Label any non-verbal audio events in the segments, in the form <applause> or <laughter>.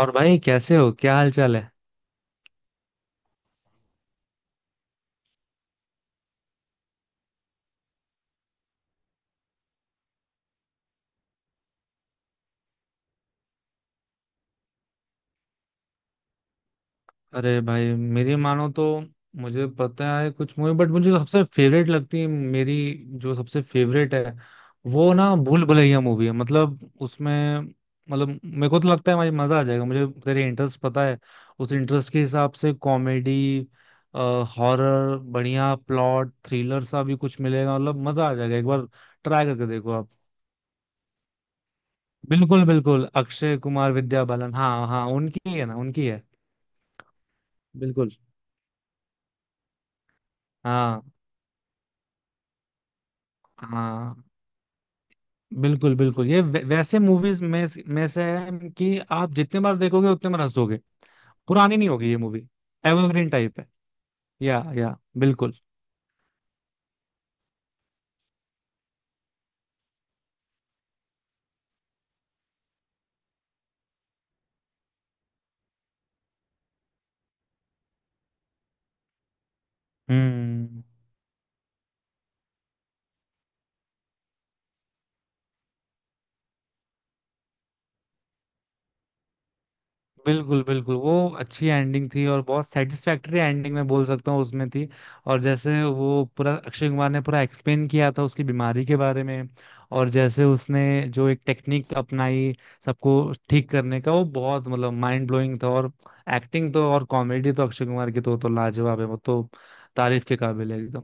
और भाई कैसे हो? क्या हाल चाल है? अरे भाई मेरी मानो तो मुझे पता है कुछ मूवी, बट मुझे सबसे फेवरेट लगती है मेरी, जो सबसे फेवरेट है वो ना भूल भुलैया मूवी है। मतलब उसमें मतलब मेरे को तो लगता है भाई मजा आ जाएगा। मुझे तेरे इंटरेस्ट पता है, उस इंटरेस्ट के हिसाब से कॉमेडी, हॉरर, बढ़िया प्लॉट, थ्रिलर सा भी कुछ मिलेगा। मतलब मजा आ जाएगा एक बार, ट्राई करके देखो आप। बिल्कुल बिल्कुल, अक्षय कुमार, विद्या बालन, हाँ हाँ उनकी ही है ना, उनकी है। बिल्कुल। हाँ। हाँ। बिल्कुल बिल्कुल, ये वैसे मूवीज में से है कि आप जितने बार देखोगे उतने बार हंसोगे। पुरानी नहीं होगी ये मूवी। एवरग्रीन टाइप है। या बिल्कुल। हम्म। बिल्कुल बिल्कुल, वो अच्छी एंडिंग थी और बहुत सेटिस्फैक्टरी एंडिंग मैं बोल सकता हूँ उसमें थी। और जैसे वो पूरा अक्षय कुमार ने पूरा एक्सप्लेन किया था उसकी बीमारी के बारे में। और जैसे उसने जो एक टेक्निक अपनाई सबको ठीक करने का, वो बहुत मतलब माइंड ब्लोइंग था। और एक्टिंग तो और कॉमेडी तो अक्षय कुमार की तो लाजवाब है वो तो, तारीफ के काबिल है एकदम।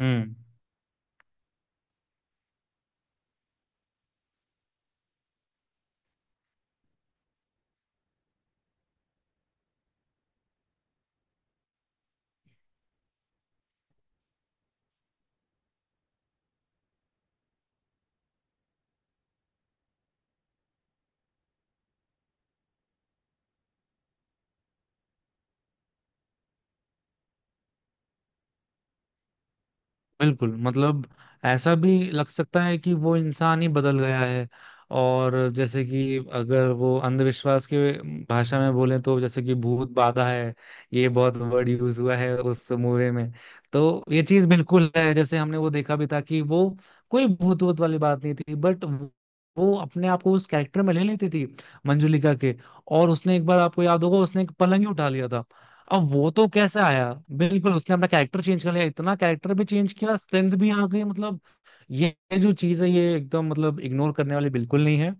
हम्म। बिल्कुल मतलब ऐसा भी लग सकता है कि वो इंसान ही बदल गया है। और जैसे कि अगर वो अंधविश्वास के भाषा में बोले तो जैसे कि भूत बाधा है, ये बहुत वर्ड यूज हुआ है उस मूवी में। तो ये चीज बिल्कुल है, जैसे हमने वो देखा भी था कि वो कोई भूत वूत वाली बात नहीं थी, बट वो अपने आप को उस कैरेक्टर में ले लेती थी, मंजुलिका के। और उसने एक बार आपको याद होगा उसने एक पलंग ही उठा लिया था, अब वो तो कैसे आया। बिल्कुल उसने अपना कैरेक्टर चेंज कर लिया, इतना कैरेक्टर भी चेंज किया, स्ट्रेंथ भी आ गई मतलब। ये ये जो चीज है ये एकदम मतलब इग्नोर करने वाली बिल्कुल नहीं है।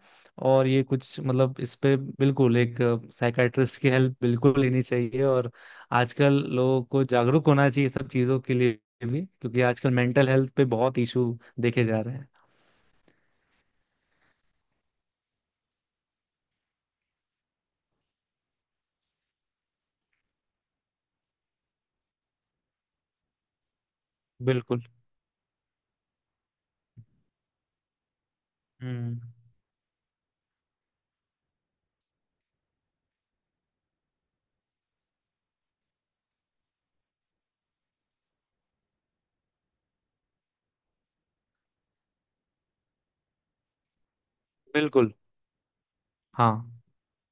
और ये कुछ मतलब इस पे बिल्कुल एक साइकाइट्रिस्ट की हेल्प बिल्कुल लेनी चाहिए। और आजकल लोगों को जागरूक होना चाहिए सब चीजों के लिए भी, क्योंकि आजकल मेंटल हेल्थ पे बहुत इशू देखे जा रहे हैं। बिल्कुल। हम्म। बिल्कुल। हाँ,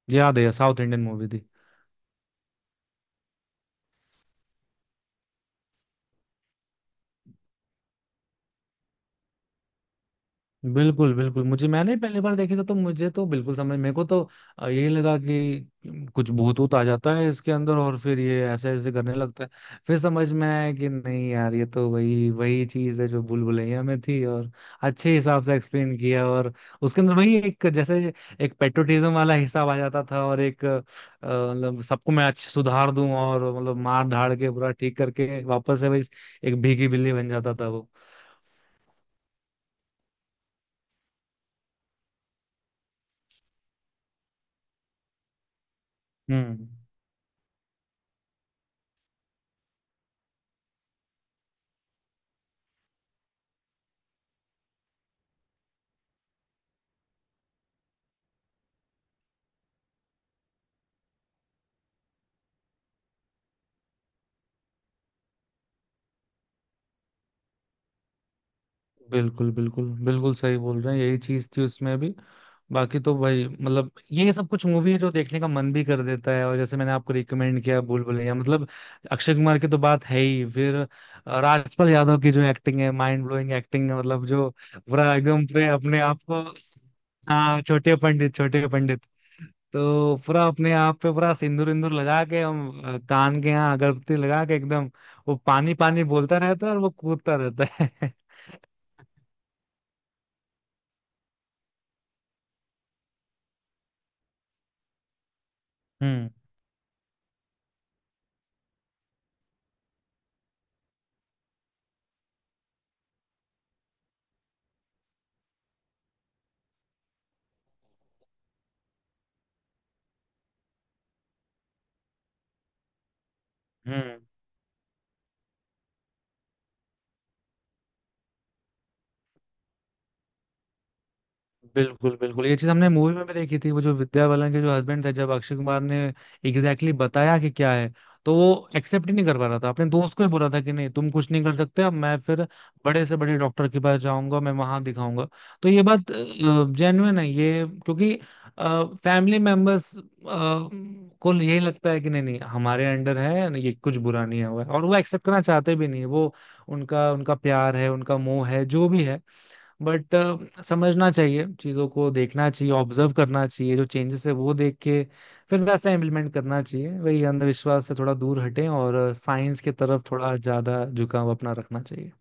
याद है, साउथ इंडियन मूवी थी। बिल्कुल बिल्कुल, मुझे मैंने पहली बार देखी था तो मुझे तो बिल्कुल समझ, मेरे को तो यही लगा कि कुछ भूत वूत आ जाता है इसके अंदर और फिर ये ऐसे ऐसे करने लगता है। फिर समझ में आया कि नहीं यार ये तो वही वही चीज है जो भूल भुलैया में थी। और अच्छे हिसाब से एक्सप्लेन किया और उसके अंदर वही एक जैसे एक पेट्रोटिज्म वाला हिसाब आ जाता था। और एक मतलब सबको मैं अच्छे सुधार दूं और मतलब मार धाड़ के पूरा ठीक करके वापस से वही एक भीगी बिल्ली बन जाता था वो। हम्म। बिल्कुल बिल्कुल बिल्कुल, सही बोल रहे हैं, यही चीज थी उसमें भी। बाकी तो भाई मतलब ये सब कुछ मूवी है जो देखने का मन भी कर देता है। और जैसे मैंने आपको रिकमेंड किया भूल भुलैया, मतलब अक्षय कुमार की तो बात है ही, फिर राजपाल यादव की जो एक्टिंग है, माइंड ब्लोइंग एक्टिंग है मतलब। जो पूरा एकदम पूरे अपने आप को, हाँ, छोटे पंडित, छोटे पंडित, तो पूरा अपने आप पे पूरा सिंदूर इंदूर लगा के, हम कान के यहाँ अगरबत्ती लगा के एकदम वो पानी पानी बोलता रहता है और वो कूदता रहता है। <laughs> हम्म। हम्म। बिल्कुल बिल्कुल, ये चीज हमने मूवी में भी देखी थी। वो जो विद्या बालन के जो हस्बैंड थे, जब अक्षय कुमार ने एग्जैक्टली exactly बताया कि क्या है, तो वो एक्सेप्ट ही नहीं कर पा रहा था, अपने दोस्त को ही बोला था कि नहीं तुम कुछ नहीं कर सकते, अब मैं फिर बड़े से बड़े डॉक्टर के पास जाऊंगा, मैं वहां दिखाऊंगा। तो ये बात जेन्युइन है ये, क्योंकि फैमिली मेंबर्स को यही लगता है कि नहीं नहीं हमारे अंडर है, ये कुछ बुरा नहीं हुआ है। और वो एक्सेप्ट करना चाहते भी नहीं है। वो, उनका उनका प्यार है, उनका मोह है, जो भी है, बट समझना चाहिए, चीज़ों को देखना चाहिए, ऑब्जर्व करना चाहिए, जो चेंजेस है वो देख के फिर वैसा इम्प्लीमेंट करना चाहिए। वही अंधविश्वास से थोड़ा दूर हटें और साइंस की तरफ थोड़ा ज़्यादा झुकाव अपना रखना चाहिए।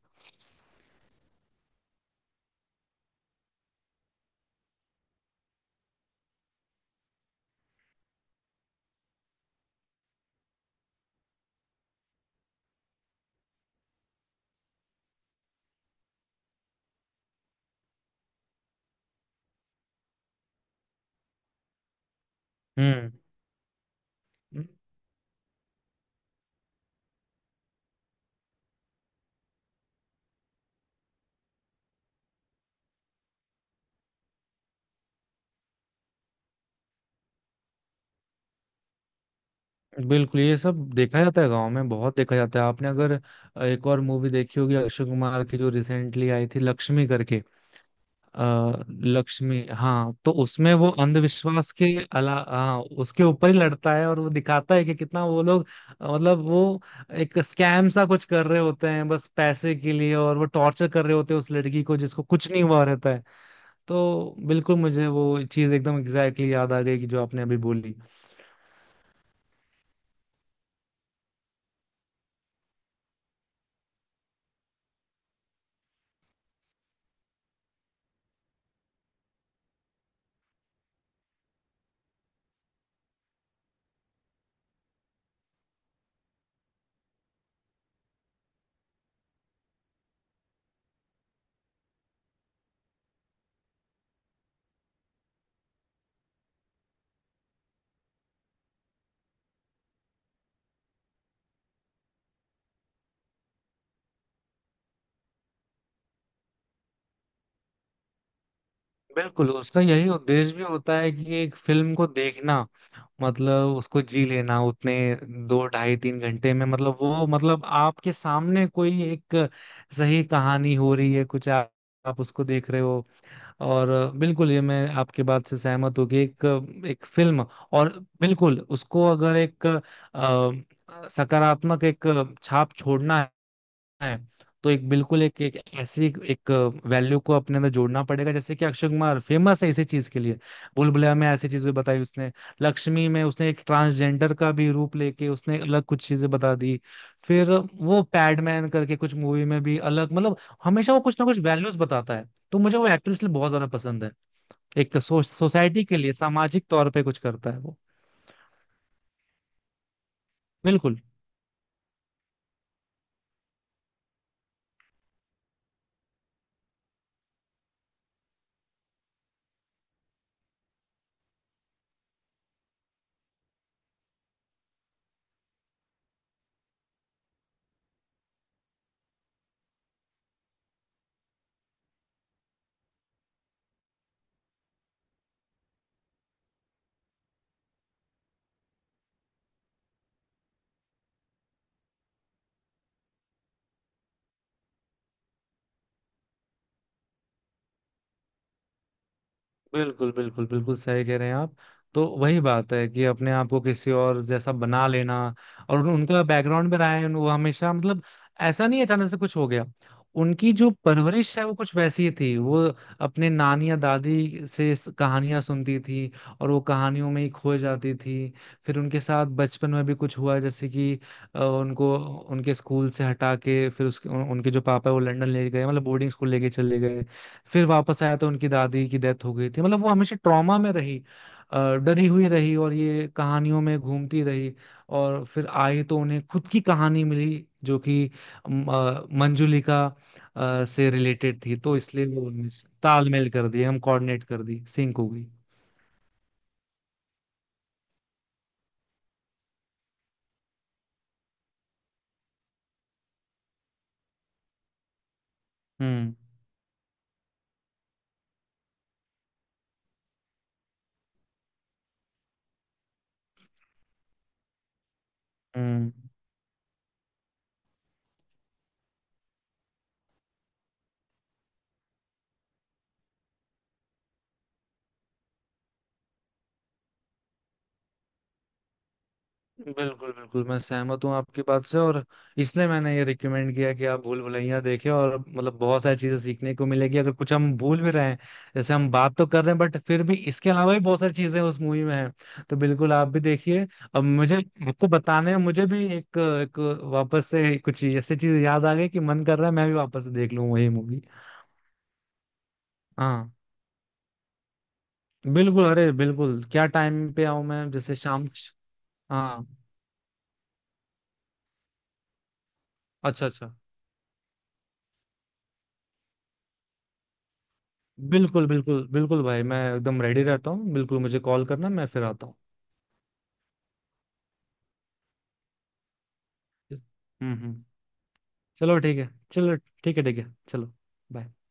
हम्म। बिल्कुल, ये सब देखा जाता है गांव में बहुत देखा जाता है। आपने अगर एक और मूवी देखी होगी अक्षय कुमार की जो रिसेंटली आई थी, लक्ष्मी करके, लक्ष्मी, हाँ, तो उसमें वो अंधविश्वास के, अला, हाँ, उसके ऊपर ही लड़ता है। और वो दिखाता है कि कितना वो लोग मतलब वो एक स्कैम सा कुछ कर रहे होते हैं बस पैसे के लिए, और वो टॉर्चर कर रहे होते हैं उस लड़की को जिसको कुछ नहीं हुआ रहता है। तो बिल्कुल मुझे वो चीज एकदम एग्जैक्टली exactly याद आ गई कि जो आपने अभी बोली। बिल्कुल, उसका यही उद्देश्य भी होता है कि एक फिल्म को देखना मतलब उसको जी लेना उतने दो ढाई तीन घंटे में। मतलब वो मतलब आपके सामने कोई एक सही कहानी हो रही है कुछ, आप उसको देख रहे हो। और बिल्कुल ये मैं आपके बात से सहमत हूँ कि एक एक फिल्म, और बिल्कुल उसको अगर एक सकारात्मक एक छाप छोड़ना है तो एक बिल्कुल एक एक ऐसी एक वैल्यू को अपने अंदर जोड़ना पड़ेगा, जैसे कि अक्षय कुमार फेमस है इसी चीज के लिए। भूल भुलैया में ऐसी चीजें बताई उसने, लक्ष्मी में उसने एक ट्रांसजेंडर का भी रूप लेके उसने अलग कुछ चीजें बता दी, फिर वो पैडमैन करके कुछ मूवी में भी अलग मतलब, हमेशा वो कुछ ना कुछ वैल्यूज बताता है। तो मुझे वो एक्ट्रेस लिए बहुत ज्यादा पसंद है। एक सोसाइटी के लिए सामाजिक तौर पे कुछ करता है वो। बिल्कुल बिल्कुल बिल्कुल बिल्कुल सही कह रहे हैं आप। तो वही बात है कि अपने आप को किसी और जैसा बना लेना, और उनका बैकग्राउंड में रहा है वो हमेशा मतलब, ऐसा नहीं है अचानक से कुछ हो गया। उनकी जो परवरिश है वो कुछ वैसी ही थी। वो अपने नानी या दादी से कहानियां सुनती थी और वो कहानियों में ही खो जाती थी। फिर उनके साथ बचपन में भी कुछ हुआ, जैसे कि उनको उनके स्कूल से हटा के, फिर उसके उनके जो पापा है वो लंदन ले गए मतलब बोर्डिंग स्कूल लेके चले गए। फिर वापस आया तो उनकी दादी की डेथ हो गई थी, मतलब वो हमेशा ट्रॉमा में रही, डरी हुई रही और ये कहानियों में घूमती रही। और फिर आई तो उन्हें खुद की कहानी मिली जो कि मंजुलिका से रिलेटेड थी, तो इसलिए वो उनमें से तालमेल कर दिए, हम कोऑर्डिनेट कर दी, सिंक हो गई। हम्म। हम्म। बिल्कुल बिल्कुल, मैं सहमत हूँ आपकी बात से। और इसलिए मैंने ये रिकमेंड किया कि आप भूल भुलैया देखें, और मतलब बहुत सारी चीजें सीखने को मिलेगी। अगर कुछ हम भूल भी रहे हैं जैसे हम बात तो कर रहे हैं, बट फिर भी इसके अलावा भी बहुत सारी चीजें उस मूवी में हैं। तो बिल्कुल आप भी देखिए। अब मुझे आपको बताने में मुझे भी एक वापस से कुछ ऐसी चीज याद आ गई कि मन कर रहा है मैं भी वापस से देख लूँ वही मूवी। हाँ बिल्कुल, अरे बिल्कुल, क्या टाइम पे आऊँ मैं, जैसे शाम? हाँ। अच्छा अच्छा, बिल्कुल बिल्कुल बिल्कुल भाई, मैं एकदम रेडी रहता हूँ, बिल्कुल मुझे कॉल करना, मैं फिर आता हूँ। हम्म। हम्म। चलो ठीक है, चलो। ठीक है। ठीक है चलो। bye.